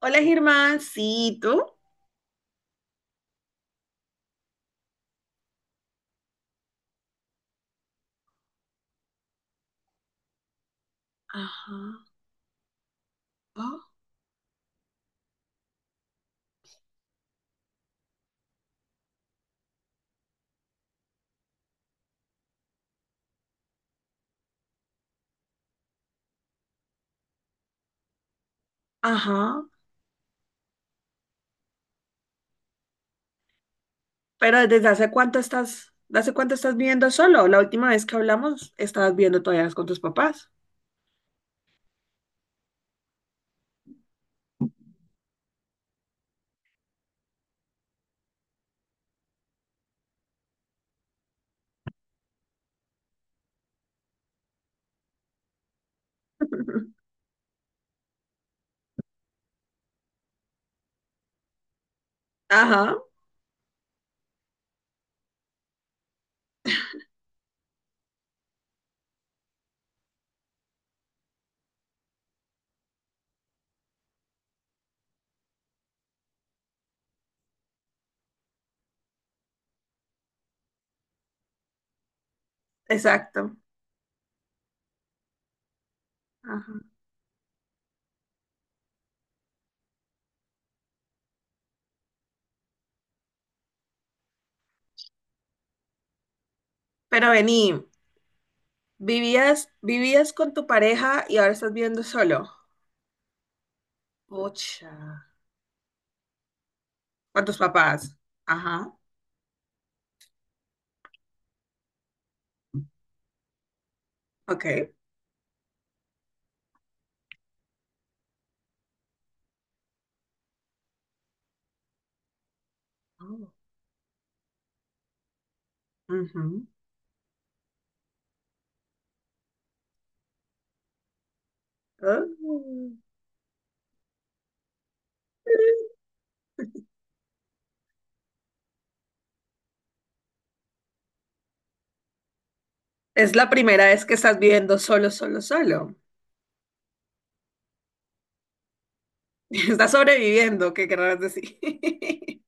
Hola, Germán. Sí, ¿tú? Ajá. Ah, Ajá. Pero ¿desde hace cuánto estás, ¿de hace cuánto estás viviendo solo? La última vez que hablamos, estabas viviendo todavía con tus papás. Ajá, exacto. Ajá. Pero vení, vivías, vivías con tu pareja y ahora estás viviendo solo. Pucha. Con tus papás. Ajá, OK. Oh, ujú. Oh. Es la primera vez que estás viviendo solo, solo, solo. Está sobreviviendo, ¿qué querrás decir?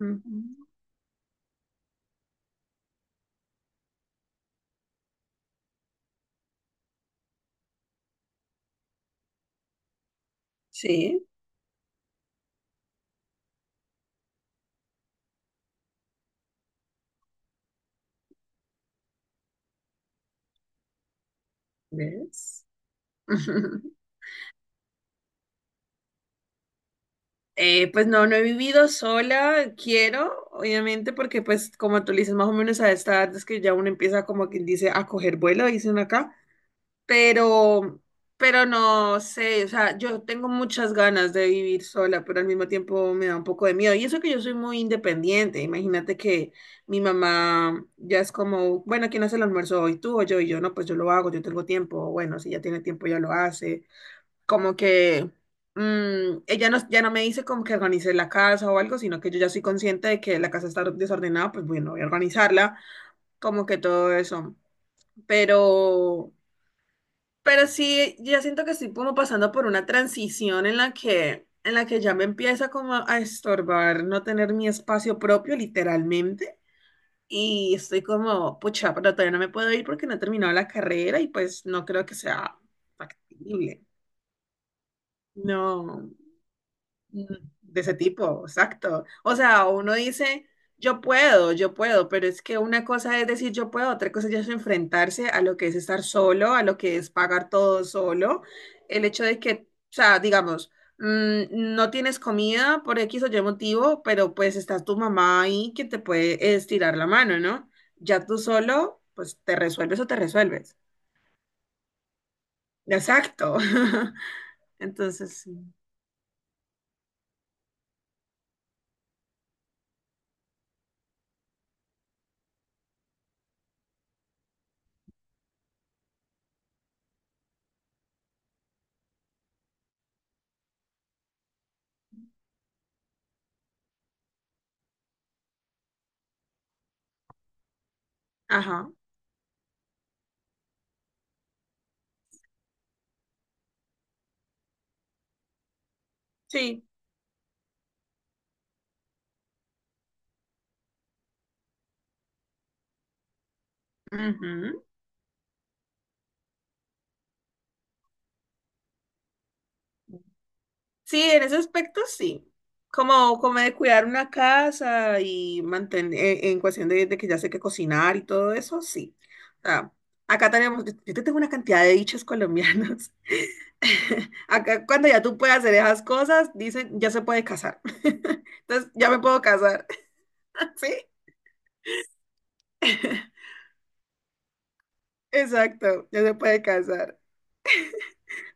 Ujú. Sí, ¿ves? Pues no, no he vivido sola, quiero, obviamente, porque pues como tú le dices, más o menos a esta edad es que ya uno empieza como quien dice a coger vuelo, dicen acá. pero, pero no sé, o sea, yo tengo muchas ganas de vivir sola, pero al mismo tiempo me da un poco de miedo. Y eso que yo soy muy independiente, imagínate que mi mamá ya es como, bueno, ¿quién hace el almuerzo hoy? ¿Tú o yo? Y yo, no, pues yo lo hago, yo tengo tiempo, bueno, si ya tiene tiempo ya lo hace. Como que ella no, ya no me dice como que organice la casa o algo, sino que yo ya soy consciente de que la casa está desordenada, pues bueno, voy a organizarla, como que todo eso. Pero... Pero sí, ya siento que estoy como pasando por una transición en la que ya me empieza como a estorbar no tener mi espacio propio, literalmente. Y estoy como, pucha, pero todavía no me puedo ir porque no he terminado la carrera y pues no creo que sea factible. No, mm, de ese tipo, exacto. O sea, uno dice, yo puedo, pero es que una cosa es decir yo puedo, otra cosa ya es enfrentarse a lo que es estar solo, a lo que es pagar todo solo. El hecho de que, o sea, digamos, no tienes comida por X o Y motivo, pero pues está tu mamá ahí que te puede estirar la mano, ¿no? Ya tú solo, pues te resuelves o te resuelves. Exacto. Entonces, sí. Ajá, sí. Ujú. Sí, en ese aspecto sí. Como, como de cuidar una casa y mantener, en cuestión de que ya sé qué cocinar y todo eso, sí. O sea, acá tenemos, yo te tengo una cantidad de dichos colombianos. Acá cuando ya tú puedes hacer esas cosas, dicen, ya se puede casar. Entonces, ya me puedo casar. Sí, exacto, ya se puede casar.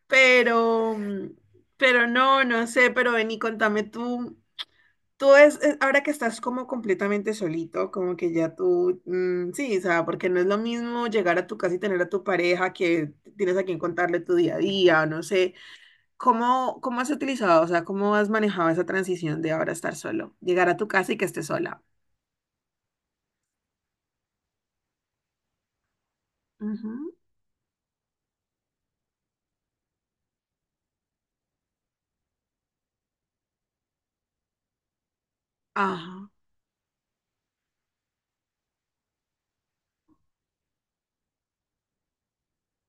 Pero, mm, pero no, no sé, pero ven y contame tú. Tú es, ahora que estás como completamente solito, como que ya tú, sí, o sea, porque no es lo mismo llegar a tu casa y tener a tu pareja que tienes a quien contarle tu día a día, o no sé, ¿cómo, cómo has utilizado, o sea, cómo has manejado esa transición de ahora estar solo, llegar a tu casa y que estés sola? Ujú, Ajá,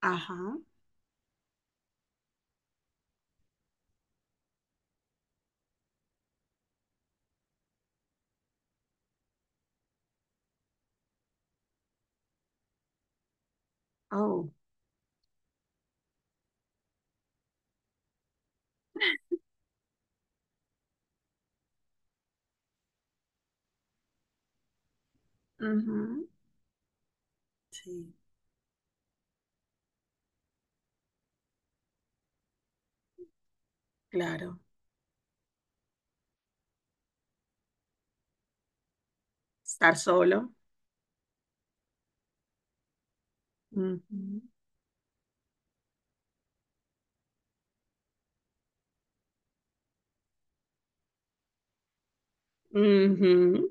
ajá, oh, ujú, sí, claro, estar solo. Ujú, ujú,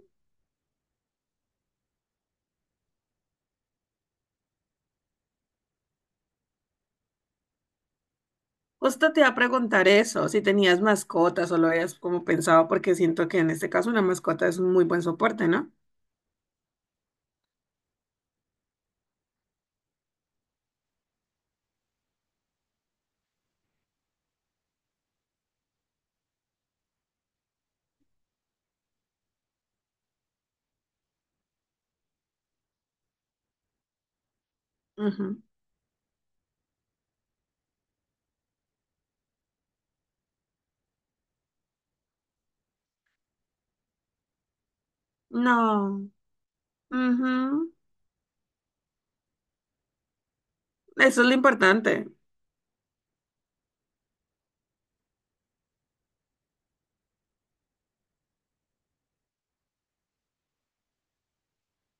justo te iba a preguntar eso, si tenías mascotas o lo habías como pensado, porque siento que en este caso una mascota es un muy buen soporte, no. Ujú. No. Ujú. Eso es lo importante.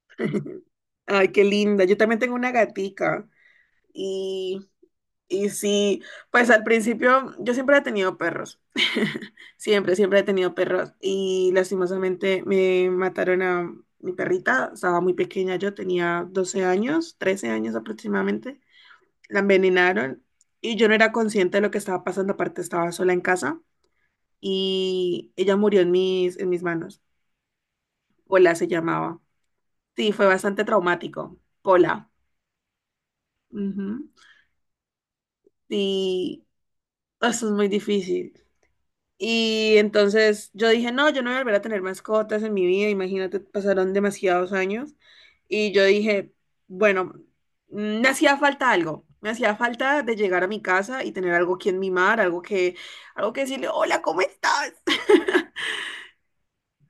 Ay, qué linda. Yo también tengo una gatica. Y y sí, pues al principio yo siempre he tenido perros. Siempre, siempre he tenido perros. Y lastimosamente me mataron a mi perrita. Estaba muy pequeña, yo tenía 12 años, 13 años aproximadamente. La envenenaron y yo no era consciente de lo que estaba pasando. Aparte, estaba sola en casa y ella murió en mis manos. Pola se llamaba. Sí, fue bastante traumático. Pola. Ujú. Y eso es muy difícil. Y entonces yo dije, no, yo no voy a volver a tener mascotas en mi vida, imagínate, pasaron demasiados años. Y yo dije, bueno, me hacía falta algo, me hacía falta de llegar a mi casa y tener algo que mimar, algo que decirle, hola, ¿cómo estás?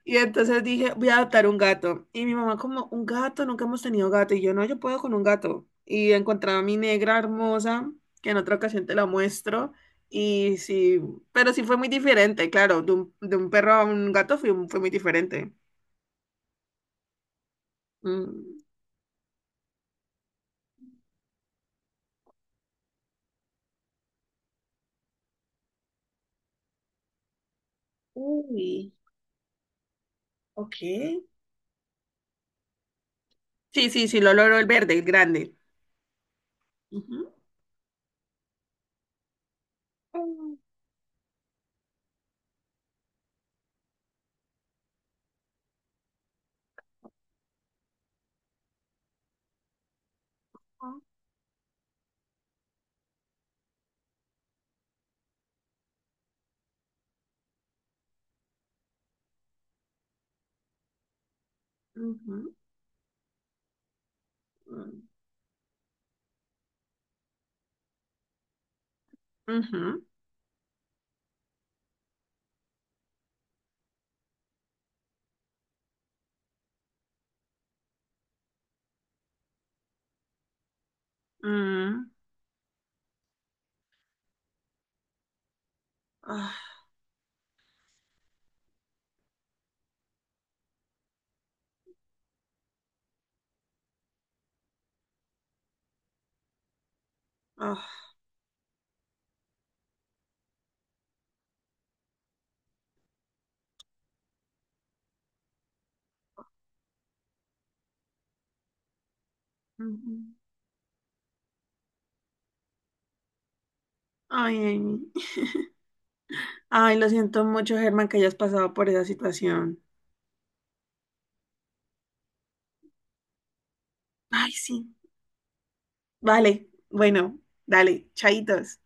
Y entonces dije, voy a adoptar un gato. Y mi mamá como, un gato, nunca hemos tenido gato. Y yo, no, yo puedo con un gato. Y encontraba a mi negra hermosa, que en otra ocasión te la muestro. Y sí, pero sí fue muy diferente, claro, de un perro a un gato fue, fue muy diferente. Mm. Uy, OK. Sí, sí, sí, lo logró el verde, el grande. Ujú, mm, ujú, mm, ujú, mm. Ah, ah, ujú. Ay, Amy. Ay, lo siento mucho, Germán, que hayas pasado por esa situación. Ay, sí. Vale, bueno, dale, chaitos.